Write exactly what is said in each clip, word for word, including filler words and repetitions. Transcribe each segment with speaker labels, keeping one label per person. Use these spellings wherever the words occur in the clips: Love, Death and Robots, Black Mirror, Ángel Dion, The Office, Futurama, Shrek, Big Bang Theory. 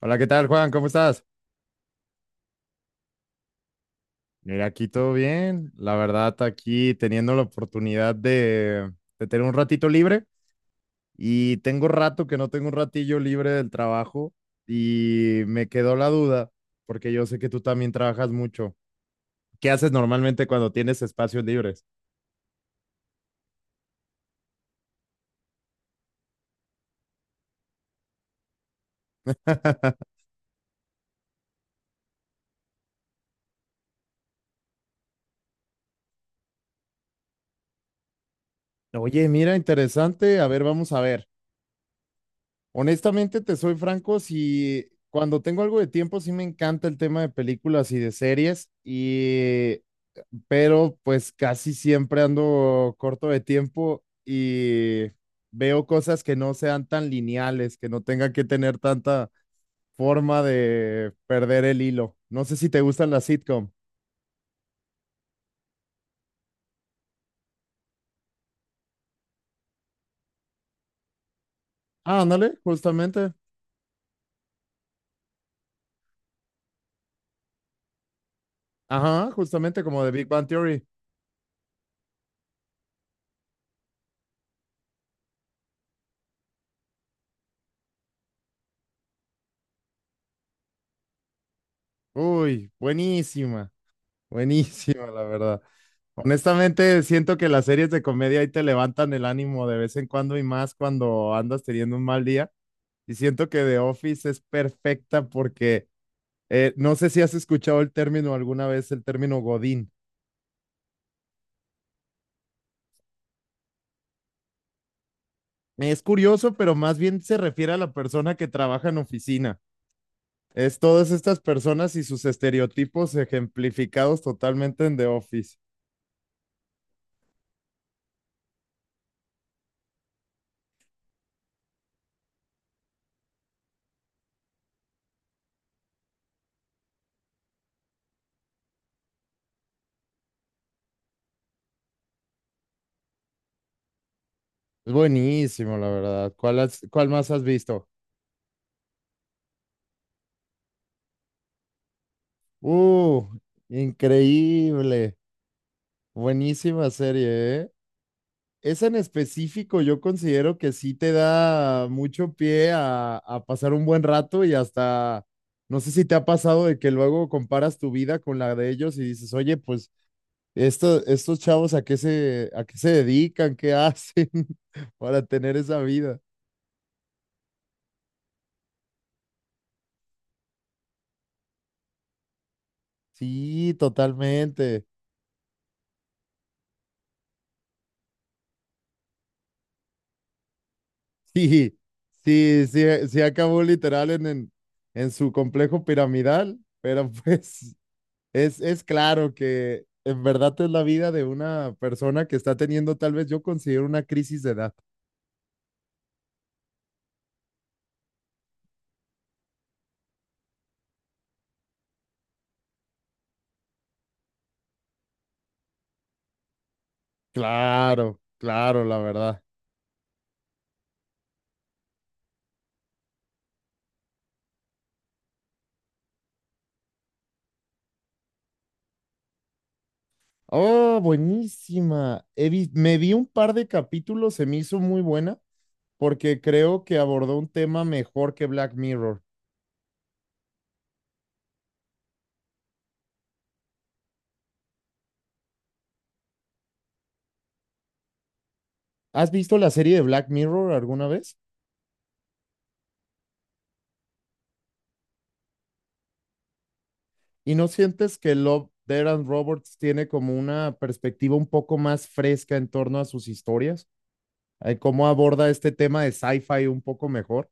Speaker 1: Hola, ¿qué tal, Juan? ¿Cómo estás? Mira, aquí todo bien. La verdad, aquí teniendo la oportunidad de, de tener un ratito libre y tengo rato que no tengo un ratillo libre del trabajo y me quedó la duda porque yo sé que tú también trabajas mucho. ¿Qué haces normalmente cuando tienes espacios libres? Oye, mira, interesante. A ver, vamos a ver. Honestamente, te soy franco, si cuando tengo algo de tiempo, sí me encanta el tema de películas y de series, y pero pues casi siempre ando corto de tiempo y veo cosas que no sean tan lineales, que no tengan que tener tanta forma de perder el hilo. No sé si te gustan las sitcom. Ah, ándale, justamente. Ajá, justamente como de Big Bang Theory. Uy, buenísima, buenísima, la verdad. Honestamente, siento que las series de comedia ahí te levantan el ánimo de vez en cuando y más cuando andas teniendo un mal día. Y siento que The Office es perfecta porque eh, no sé si has escuchado el término alguna vez, el término Godín. Es curioso, pero más bien se refiere a la persona que trabaja en oficina. Es todas estas personas y sus estereotipos ejemplificados totalmente en The Office. Es buenísimo, la verdad. ¿Cuál, has- cuál más has visto? Uh, increíble. Buenísima serie, ¿eh? Esa en específico yo considero que sí te da mucho pie a, a pasar un buen rato y hasta, no sé si te ha pasado de que luego comparas tu vida con la de ellos y dices, oye, pues esto, estos chavos a qué se, a qué se dedican, qué hacen para tener esa vida. Sí, totalmente. Sí, sí, sí, sí acabó literal en, en, en su complejo piramidal, pero pues... es, es claro que en verdad es la vida de una persona que está teniendo, tal vez yo considero una crisis de edad. Claro, claro, la verdad. Oh, buenísima. He vi- me vi un par de capítulos, se me hizo muy buena porque creo que abordó un tema mejor que Black Mirror. ¿Has visto la serie de Black Mirror alguna vez? ¿Y no sientes que Love, Death and Robots tiene como una perspectiva un poco más fresca en torno a sus historias? Eh, ¿Cómo aborda este tema de sci-fi un poco mejor?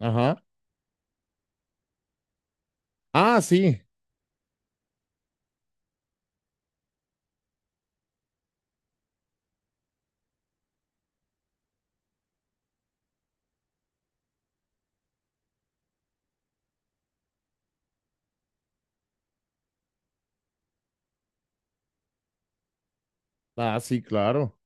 Speaker 1: Ajá. Ah, sí. Ah, sí, claro.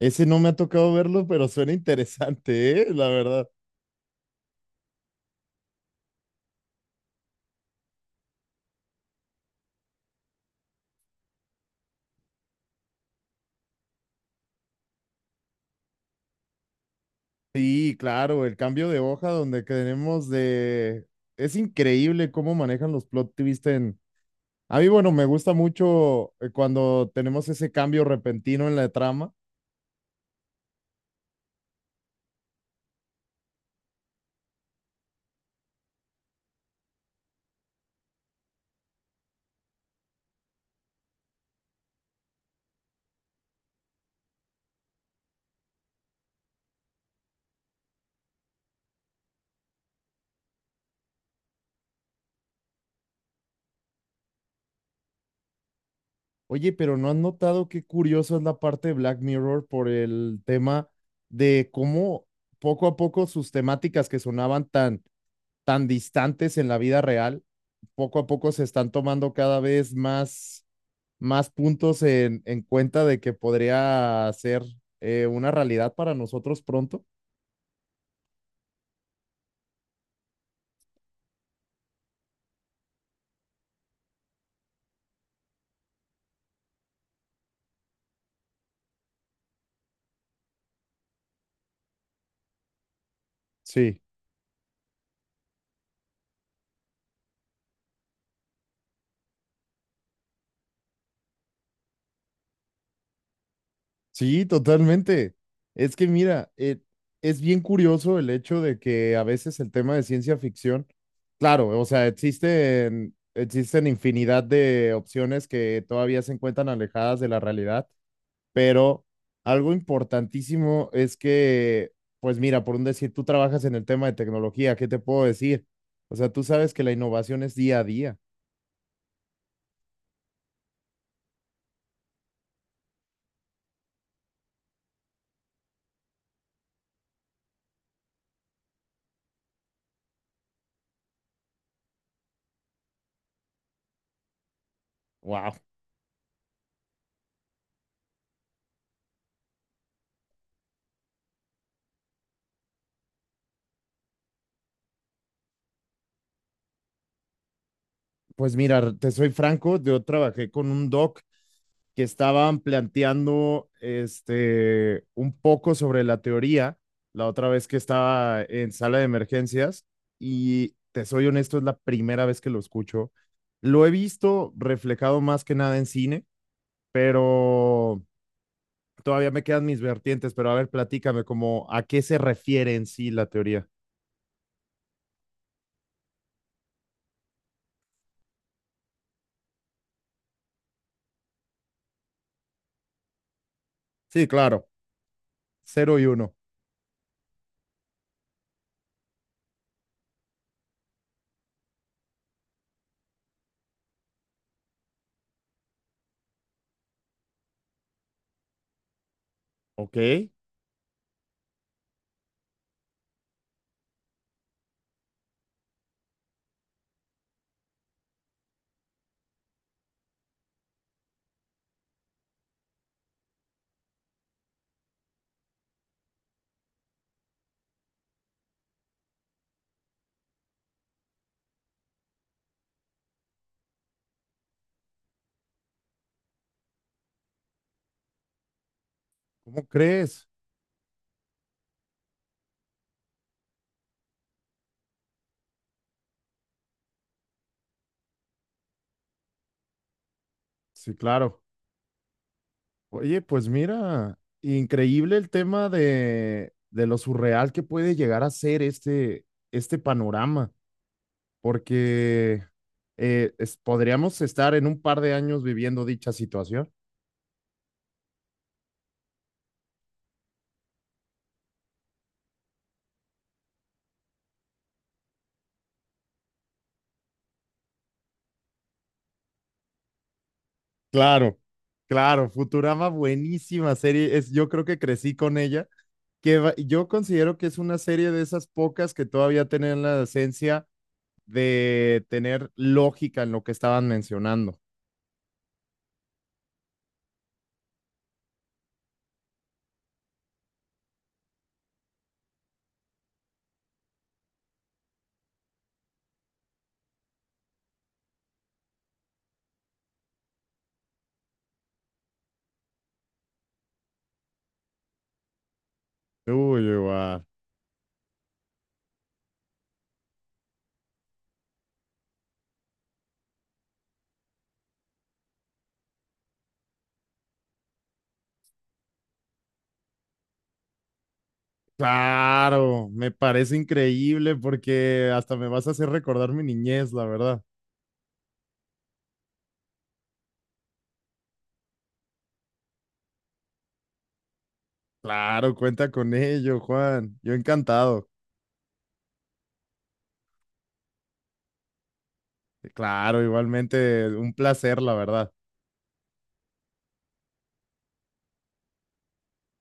Speaker 1: Ese no me ha tocado verlo, pero suena interesante, ¿eh? La verdad. Sí, claro, el cambio de hoja donde tenemos de... Es increíble cómo manejan los plot twists en... A mí, bueno, me gusta mucho eh, cuando tenemos ese cambio repentino en la trama. Oye, pero ¿no has notado qué curioso es la parte de Black Mirror por el tema de cómo poco a poco sus temáticas que sonaban tan tan distantes en la vida real, poco a poco se están tomando cada vez más, más puntos en, en cuenta de que podría ser eh, una realidad para nosotros pronto. Sí, sí, totalmente. Es que mira, eh, es bien curioso el hecho de que a veces el tema de ciencia ficción, claro, o sea, existen, existen infinidad de opciones que todavía se encuentran alejadas de la realidad pero algo importantísimo es que, pues mira, por un decir, tú trabajas en el tema de tecnología, ¿qué te puedo decir? O sea, tú sabes que la innovación es día a día. Wow. Pues mira, te soy franco, yo trabajé con un doc que estaban planteando este un poco sobre la teoría la otra vez que estaba en sala de emergencias y te soy honesto, es la primera vez que lo escucho. Lo he visto reflejado más que nada en cine, pero todavía me quedan mis vertientes, pero a ver, platícame como a qué se refiere en sí la teoría. Sí, claro, cero y uno. Ok, ¿cómo crees? Sí, claro. Oye, pues mira, increíble el tema de, de lo surreal que puede llegar a ser este, este panorama, porque eh, es- podríamos estar en un par de años viviendo dicha situación. Claro, claro, Futurama, buenísima serie. Es, yo creo que crecí con ella que va- yo considero que es una serie de esas pocas que todavía tienen la esencia de tener lógica en lo que estaban mencionando. Uy, guau. Claro, me parece increíble porque hasta me vas a hacer recordar mi niñez, la verdad. Claro, cuenta con ello, Juan. Yo encantado. Claro, igualmente un placer, la verdad.